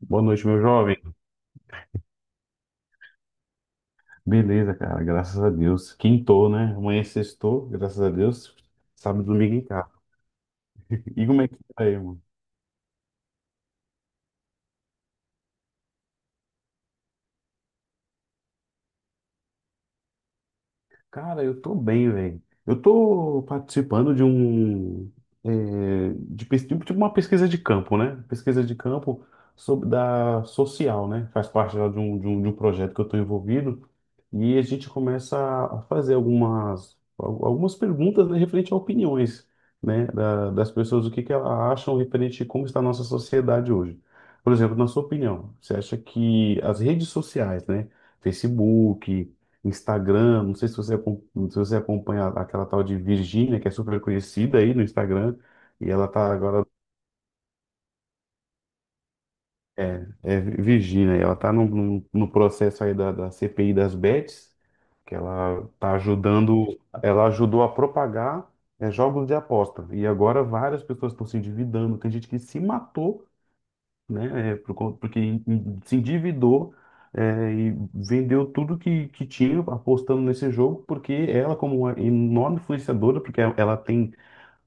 Boa noite, meu jovem. Beleza, cara, graças a Deus. Quintou, né? Amanhã é sextou, graças a Deus. Sábado e domingo em casa. E como é que tá aí, mano? Cara, eu tô bem, velho. Eu tô participando de um. Tipo uma pesquisa de campo, né? Pesquisa de campo sobre, da social, né? Faz parte lá de um projeto que eu tô envolvido. E a gente começa a fazer algumas perguntas, né, referente a opiniões, né? Das pessoas, o que que elas acham referente a como está a nossa sociedade hoje. Por exemplo, na sua opinião, você acha que as redes sociais, né? Facebook. Instagram, não sei se se você acompanha aquela tal de Virgínia, que é super conhecida aí no Instagram, e ela tá agora, é, é Virgínia, e ela tá no processo aí da CPI das bets, que ela tá ajudando, ela ajudou a propagar, é, jogos de aposta, e agora várias pessoas estão se endividando, tem gente que se matou né? Porque se endividou, é, e vendeu tudo que tinha apostando nesse jogo, porque ela, como uma enorme influenciadora, porque ela tem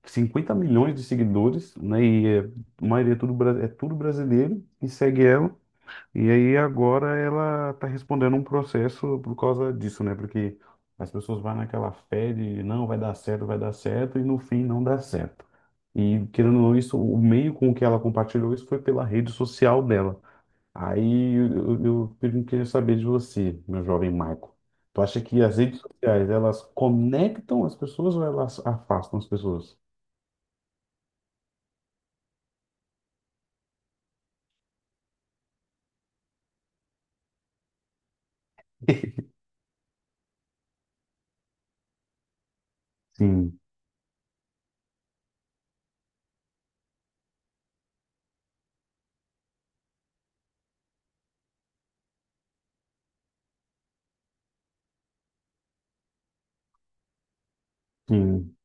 50 milhões de seguidores, né? E é, a maioria é é tudo brasileiro, e segue ela. E aí agora ela tá respondendo um processo por causa disso, né? Porque as pessoas vão naquela fé de não, vai dar certo, e no fim não dá certo. E querendo ou não, isso, o meio com que ela compartilhou isso foi pela rede social dela. Aí eu queria saber de você, meu jovem Michael. Tu acha que as redes sociais, elas conectam as pessoas ou elas afastam as pessoas? Sim, sim.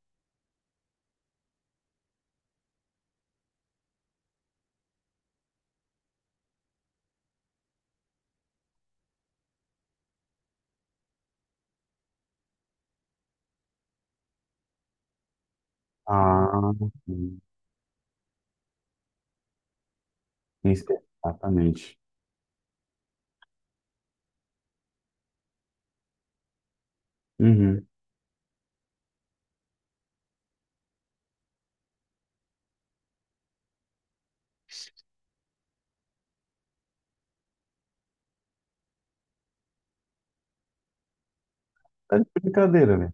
Ah, sim. Isso. Exatamente. Uhum. Tá de brincadeira, né?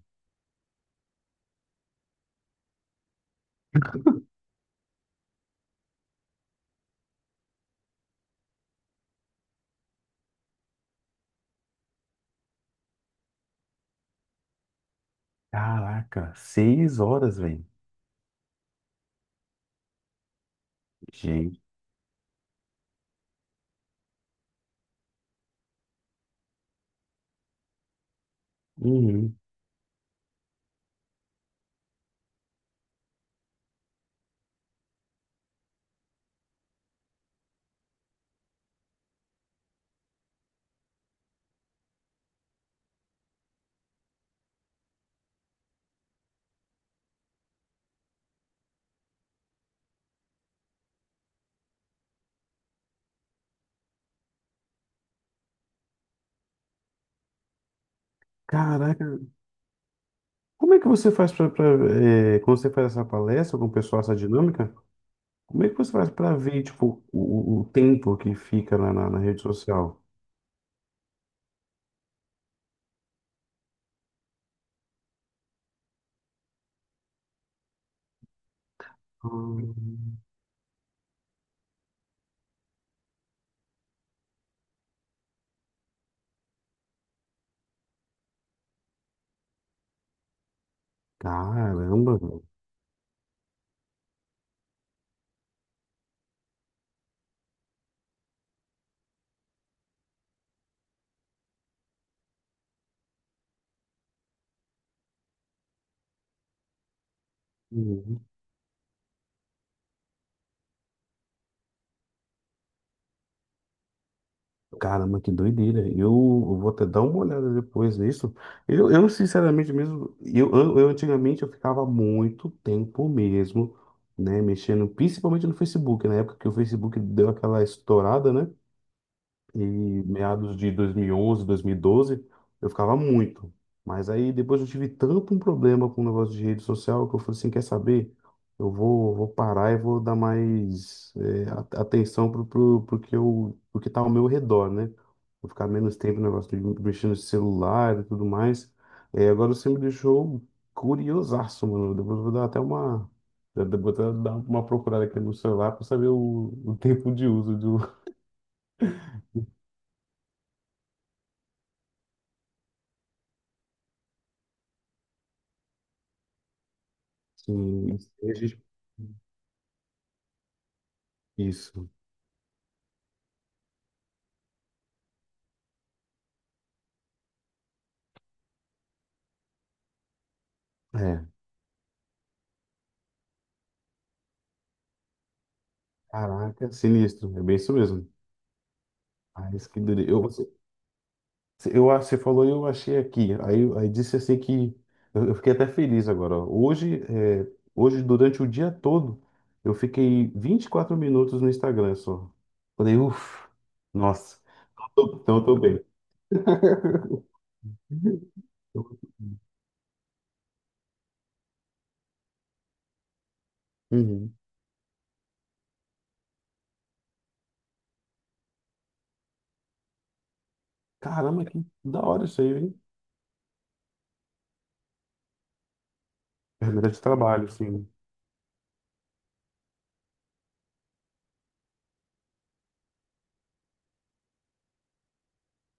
Caraca, seis horas, velho. Gente. Uhum. Caraca. Como é que você faz pra quando você faz essa palestra com o pessoal, essa dinâmica, como é que você faz pra ver, tipo, o tempo que fica na rede social? Ah. Caramba, velho. Uhum. Caramba, que doideira. Eu vou até dar uma olhada depois nisso. Eu sinceramente mesmo, eu antigamente eu ficava muito tempo mesmo, né, mexendo, principalmente no Facebook, na época que o Facebook deu aquela estourada, né? E meados de 2011, 2012, eu ficava muito. Mas aí depois eu tive tanto um problema com o negócio de rede social que eu falei assim, quer saber? Eu vou parar e vou dar mais atenção pro que tá ao meu redor, né? Vou ficar menos tempo no negócio de mexendo no celular e tudo mais. É, agora você me deixou curiosaço, mano. Depois eu vou dar até uma... Eu vou até dar uma procurada aqui no celular para saber o tempo de uso. Sim, isso. Registro. Isso. É. Caraca, sinistro. É bem isso mesmo. Ah, isso que doideira. Eu, você, eu, ah, Você falou e eu achei aqui. Aí disse assim que eu fiquei até feliz agora. Ó. Hoje, é, hoje, durante o dia todo, eu fiquei 24 minutos no Instagram só. Falei, uff, nossa. Então eu tô bem. Uhum. Caramba, que da hora isso aí, hein? Ferramenta de trabalho, sim.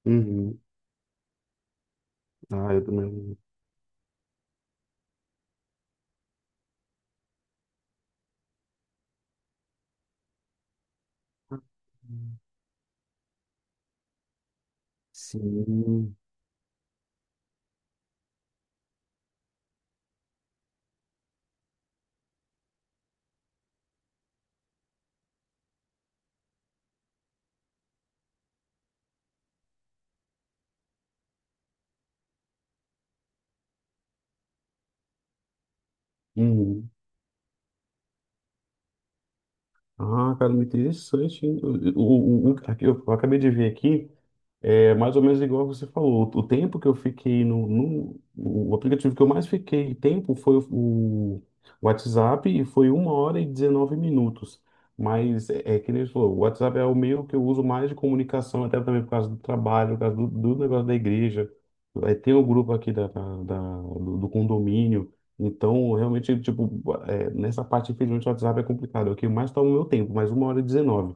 Uhum. Ah, eu também. Sim. Hum. Ah, cara, muito interessante. Hein? Aqui, eu acabei de ver aqui. É mais ou menos igual você falou. O tempo que eu fiquei no o aplicativo que eu mais fiquei tempo foi o WhatsApp, e foi 1 hora e 19 minutos. Mas é, é que nem você falou, o WhatsApp é o meio que eu uso mais de comunicação, até também por causa do trabalho, por causa do negócio da igreja. Aí tem o grupo aqui do condomínio. Então, realmente, tipo, é, nessa parte, infelizmente, o WhatsApp é complicado. É o que mais toma o meu tempo, mas 1 hora e 19.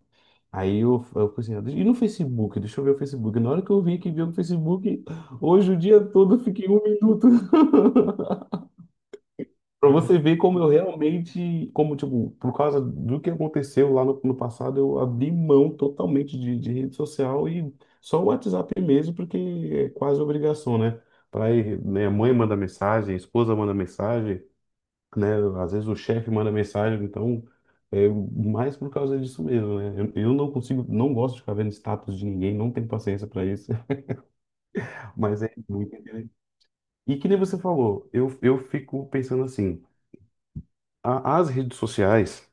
Aí eu falei assim, e no Facebook? Deixa eu ver o Facebook. Na hora que eu vi que viu o Facebook, hoje o dia todo eu fiquei 1 minuto. Pra você ver como eu realmente, como, tipo, por causa do que aconteceu lá no passado, eu abri mão totalmente de rede social e só o WhatsApp mesmo, porque é quase obrigação, né? Pra ir, né, a mãe manda mensagem, a esposa manda mensagem, né? Às vezes o chefe manda mensagem, então é mais por causa disso mesmo, né? Eu não consigo, não gosto de ficar vendo status de ninguém, não tenho paciência para isso. Mas é muito interessante. E que nem você falou, eu fico pensando assim, as redes sociais.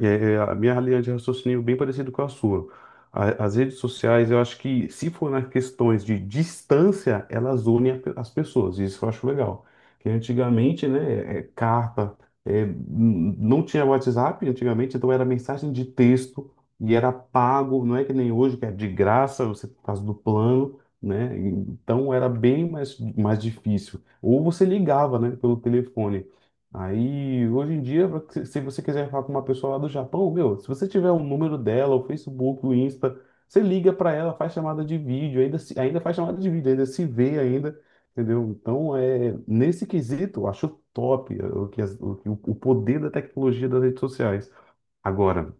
É, é, a minha linha de raciocínio é bem parecida com a sua. As redes sociais, eu acho que se for nas questões de distância, elas unem as pessoas. Isso eu acho legal. Que antigamente, né, é, é carta, não tinha WhatsApp antigamente, então era mensagem de texto e era pago. Não é que nem hoje, que é de graça, você por causa do plano, né? Então era bem mais, mais difícil. Ou você ligava, né, pelo telefone. Aí, hoje em dia, se você quiser falar com uma pessoa lá do Japão, meu, se você tiver o número dela, o Facebook, o Insta, você liga para ela, faz chamada de vídeo, ainda, ainda faz chamada de vídeo, ainda se vê ainda, entendeu? Então, é, nesse quesito, eu acho top é, o, que as- o, que o poder da tecnologia das redes sociais. Agora,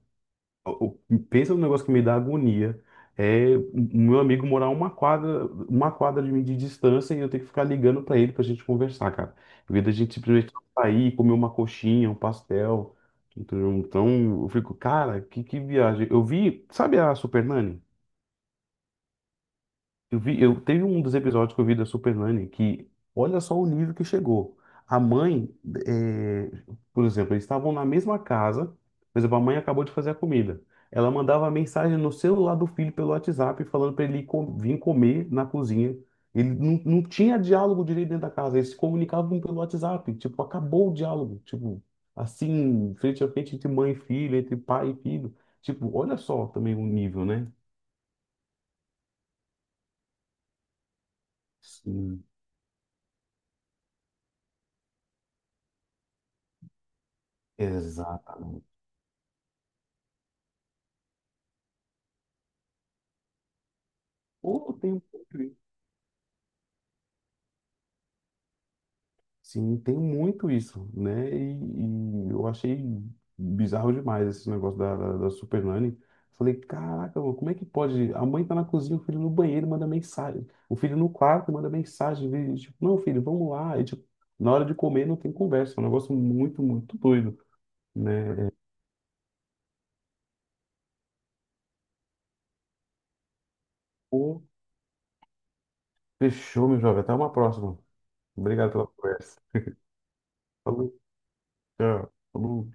pensa no negócio que me dá agonia. É o meu amigo morar uma quadra de mim de distância e eu ter que ficar ligando pra ele pra gente conversar, cara. Em vez da gente simplesmente sair, comer uma coxinha, um pastel. Entendeu? Então eu fico, cara, que viagem. Eu vi, sabe a Super Nani? Eu vi, eu teve um dos episódios que eu vi da Supernanny que olha só o nível que chegou. A mãe, eh, por exemplo, eles estavam na mesma casa, por exemplo, a mãe acabou de fazer a comida. Ela mandava mensagem no celular do filho pelo WhatsApp falando para ele vir comer na cozinha. Ele não tinha diálogo direito dentro da casa, eles se comunicavam pelo WhatsApp, tipo, acabou o diálogo, tipo, assim, frente a frente entre mãe e filho, entre pai e filho. Tipo, olha só também o nível, né? Sim, exato. Pô, tem, muito isso. Sim, tem muito isso, né? E eu achei bizarro demais esse negócio da Super Nanny. Falei, caraca, mano, como é que pode? A mãe tá na cozinha, o filho no banheiro manda mensagem. O filho no quarto manda mensagem. Vê, tipo, não, filho, vamos lá. E, tipo, na hora de comer não tem conversa. É um negócio muito, muito doido, né? Pô, fechou, meu jovem. Até uma próxima. Obrigado pela conversa. Falou, tchau. Falou.